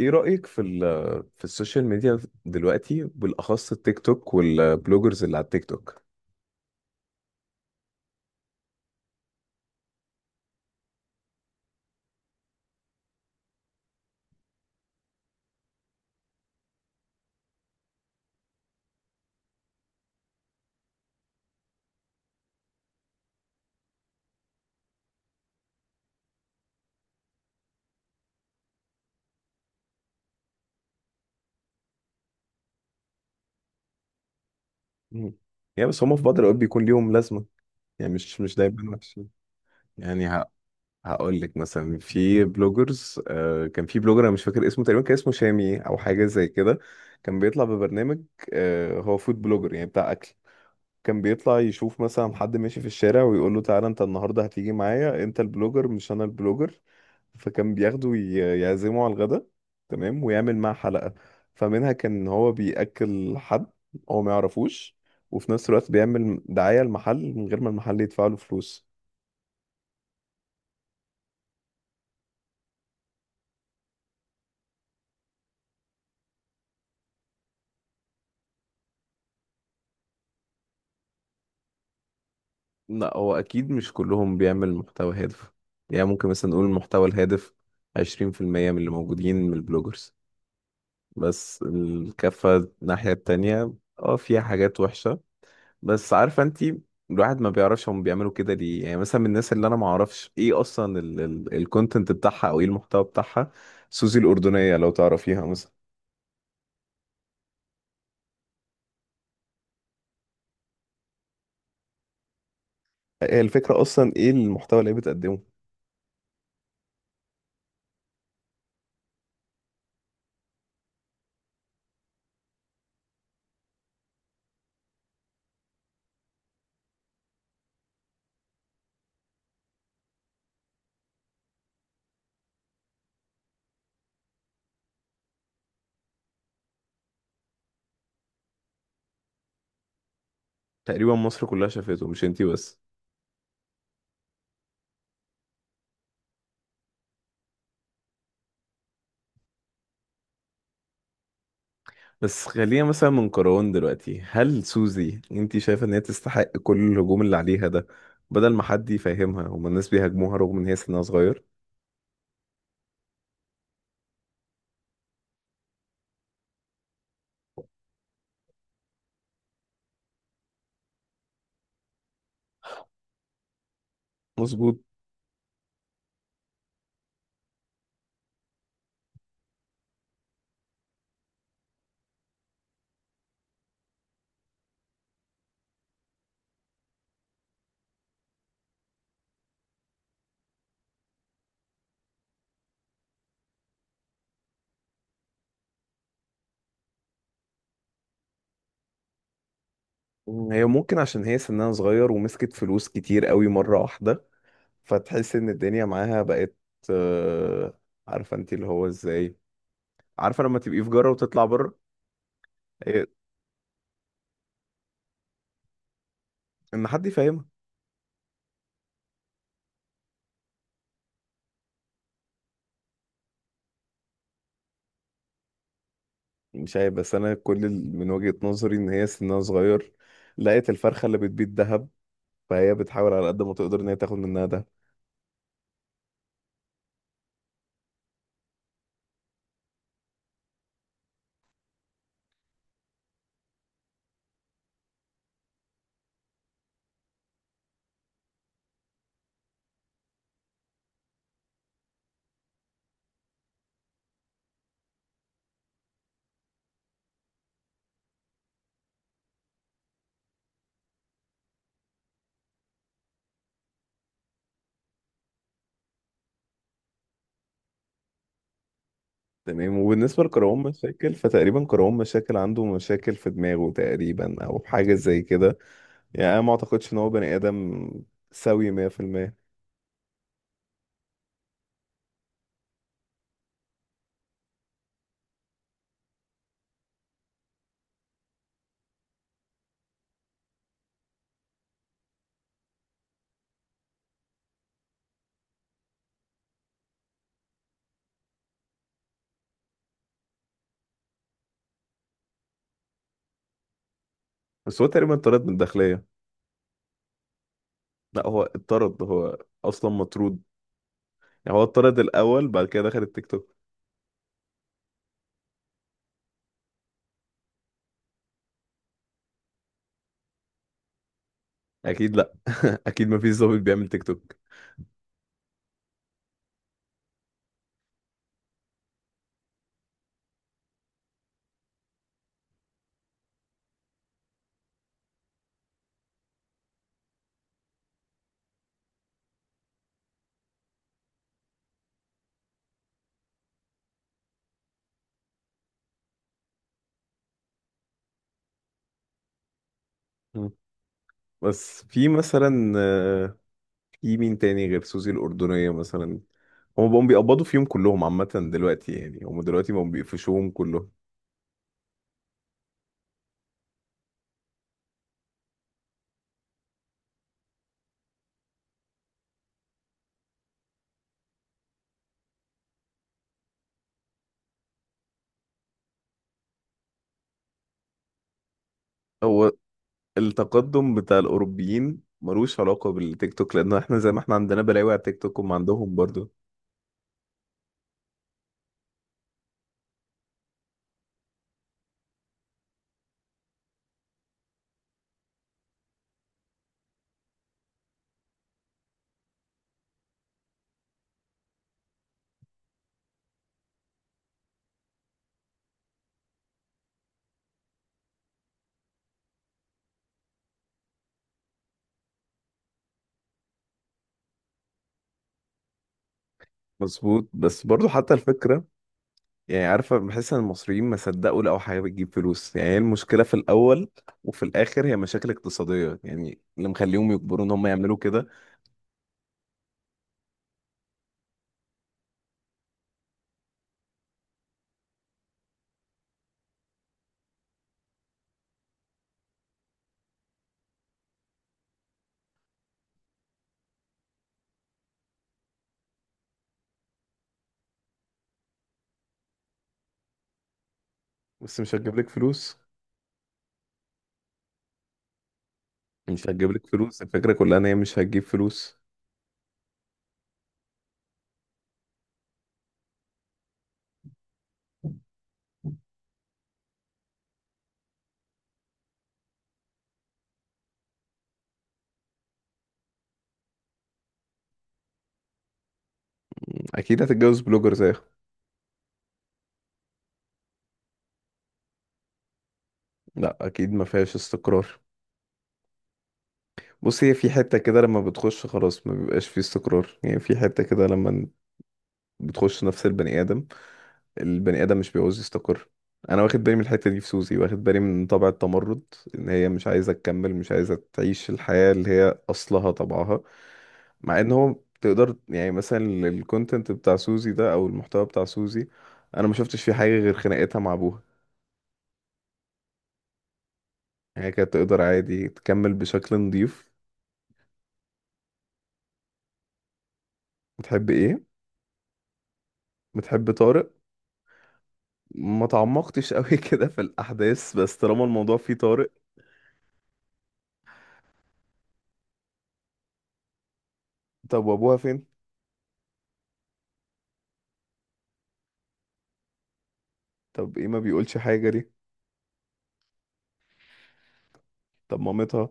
ايه رأيك في السوشيال ميديا دلوقتي بالاخص التيك توك والبلوجرز اللي على التيك توك؟ مم. يعني بس هم في بعض الاوقات بيكون ليهم لازمة، يعني مش دايما وحشين. يعني ه... هقول لك مثلا في بلوجرز، كان في بلوجر، انا مش فاكر اسمه، تقريبا كان اسمه شامي او حاجة زي كده. كان بيطلع ببرنامج، هو فود بلوجر، يعني بتاع اكل. كان بيطلع يشوف مثلا حد ماشي في الشارع ويقول له تعالى انت النهارده هتيجي معايا، انت البلوجر مش انا البلوجر. فكان بياخده يعزمه على الغدا، تمام، ويعمل معاه حلقة. فمنها كان هو بيأكل حد هو ما يعرفوش، وفي نفس الوقت بيعمل دعاية المحل من غير ما المحل يدفع له فلوس. لا هو اكيد مش كلهم بيعمل محتوى هادف. يعني ممكن مثلا نقول المحتوى الهادف 20% من اللي موجودين من البلوجرز. بس الكفة، الناحية التانية، اه فيها حاجات وحشة. بس عارفه انت، الواحد ما بيعرفش هم بيعملوا كده ليه، يعني مثلا من الناس اللي انا ما اعرفش ايه اصلا الكونتنت بتاعها او ايه المحتوى بتاعها، سوزي الاردنيه لو تعرفيها مثلا. هي الفكره اصلا ايه المحتوى اللي هي بتقدمه؟ تقريبا مصر كلها شافته مش انتي بس. بس خلينا مثلا من كروان دلوقتي، هل سوزي انتي شايفه ان هي تستحق كل الهجوم اللي عليها ده؟ بدل ما حد يفهمها هما الناس بيهاجموها رغم ان هي سنها صغير. مظبوط. هي ممكن عشان هي سنها صغير ومسكت فلوس كتير قوي مره واحده، فتحس ان الدنيا معاها بقت. آه، عارفه انت اللي هو ازاي، عارفه لما تبقي في جره وتطلع بره. إيه، ان حد يفهمها. مش عارف، بس انا من وجهه نظري ان هي سنها صغير، لقيت الفرخه اللي بتبيض ذهب، فهي بتحاول على قد ما تقدر ان هي تاخد منها ده. تمام. وبالنسبه لكرهون مشاكل، فتقريبا كرهون مشاكل عنده مشاكل في دماغه تقريبا او حاجه زي كده. يعني انا ما اعتقدش ان هو بني ادم سوي 100%. بس هو تقريبا اتطرد من الداخليه. لا هو اتطرد، هو اصلا مطرود، يعني هو اتطرد الاول بعد كده دخل التيك توك. اكيد لا. اكيد ما فيش ظابط بيعمل تيك توك. مم. بس في مثلا، في مين تاني غير سوزي الاردنيه مثلا؟ هم بقوا بيقبضوا فيهم كلهم عامه دلوقتي، يعني هم دلوقتي بقوا بيقفشوهم كلهم. هو التقدم بتاع الاوروبيين ملوش علاقه بالتيك توك، لان احنا زي ما احنا عندنا بلاوي على التيك توك هم عندهم برضو. مظبوط. بس برضو حتى الفكره، يعني عارفة، بحس ان المصريين ما صدقوا لقوا حاجة بتجيب فلوس، يعني هي المشكلة في الأول وفي الآخر هي مشاكل اقتصادية، يعني اللي مخليهم يجبروا ان هم يعملوا كده. بس مش هتجيب لك فلوس. مش هتجيب لك فلوس، الفكرة كلها ان هي مش هتجيب فلوس. أكيد هتتجوز بلوجر زيها. لا أكيد ما فيهاش استقرار. بص هي في حتة كده لما بتخش خلاص ما بيبقاش فيه استقرار، يعني في حتة كده لما بتخش نفس البني آدم، البني ادم مش بيعوز يستقر. انا واخد بالي من الحته دي في سوزي، واخد بالي من طبع التمرد، ان هي مش عايزه تكمل، مش عايزه تعيش الحياه اللي هي اصلها طبعها. مع ان هو تقدر يعني مثلا الكونتنت بتاع سوزي ده او المحتوى بتاع سوزي، انا ما شفتش فيه حاجه غير خناقتها مع ابوها. يعني هي كانت تقدر عادي تكمل بشكل نظيف. بتحب ايه؟ بتحب طارق. ما تعمقتش قوي كده في الاحداث، بس طالما الموضوع فيه طارق. طب وابوها فين؟ طب ايه، ما بيقولش حاجه ليه؟ طب مامتها؟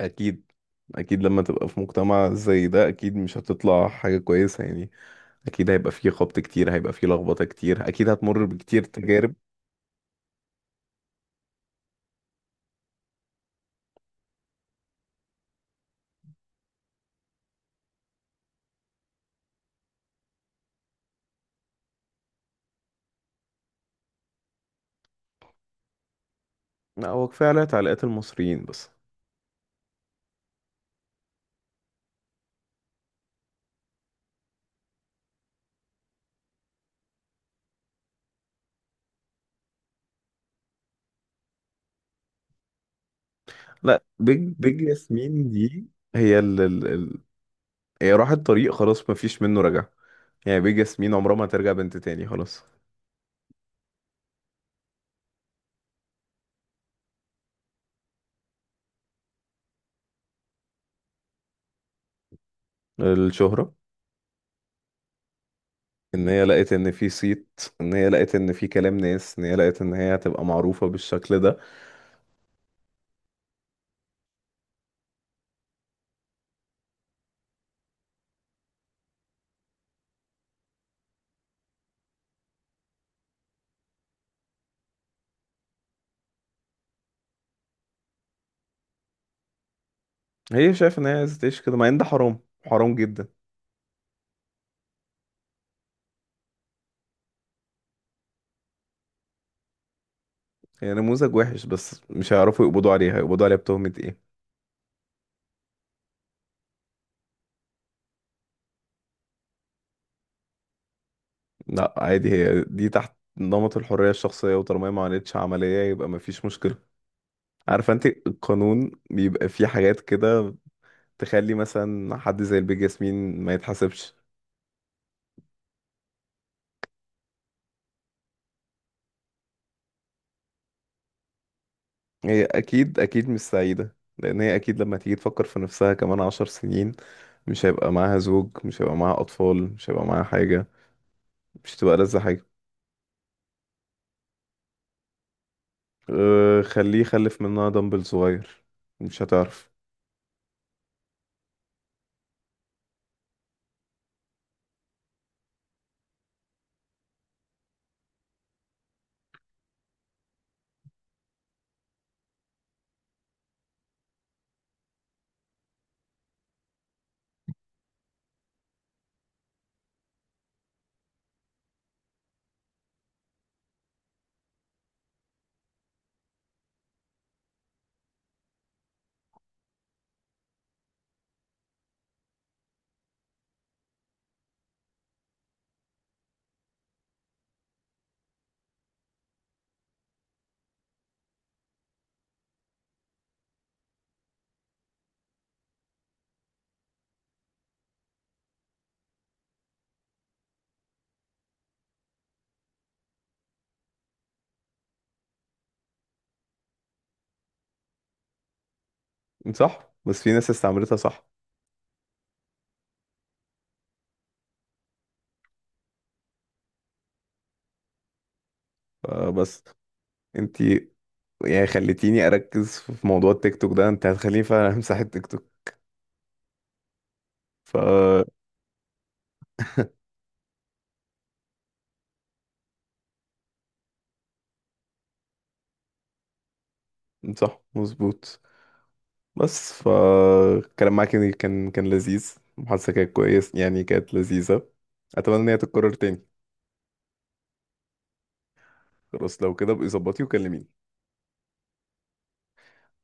اكيد اكيد لما تبقى في مجتمع زي ده اكيد مش هتطلع حاجة كويسة، يعني اكيد هيبقى فيه خبط كتير، هيبقى فيه لخبطة كتير، اكيد هتمر بكتير تجارب. لا هو كفاية عليها تعليقات المصريين بس. لا بيج ياسمين دي، هي ال ال ال هي راحت طريق خلاص مفيش منه رجع. يعني بيج ياسمين عمرها ما ترجع بنت تاني، خلاص. الشهرة. ان هي لقت ان في صيت، ان هي لقت ان في كلام ناس، ان هي لقت ان هي هتبقى معروفة بالشكل ده. هي شايفة ان هي عايزة تعيش كده مع ان ده حرام، حرام جدا. هي نموذج وحش بس مش هيعرفوا يقبضوا عليها، يقبضوا عليها بتهمة ايه؟ لا عادي هي دي تحت نمط الحرية الشخصية، وطالما هي ما عملتش عملية يبقى ما فيش مشكلة. عارفة انت القانون بيبقى فيه حاجات كده، تخلي مثلا حد زي البيج ياسمين ما يتحاسبش. هي اكيد اكيد مش سعيدة، لان هي اكيد لما تيجي تفكر في نفسها كمان 10 سنين، مش هيبقى معاها زوج، مش هيبقى معاها اطفال، مش هيبقى معاها حاجة، مش هتبقى لذة حاجة. أه خليه يخلف منها دمبل صغير. مش هتعرف. صح، بس في ناس استعملتها صح. بس انتي يعني خليتيني اركز في موضوع التيك توك ده، انت هتخليني فعلا امسح التيك توك. ف صح مظبوط. بس الكلام معاك يعني كان لذيذ، المحادثة كانت كويس يعني كانت لذيذة، اتمنى ان هي تتكرر تاني. خلاص لو كده بقى ظبطي وكلميني.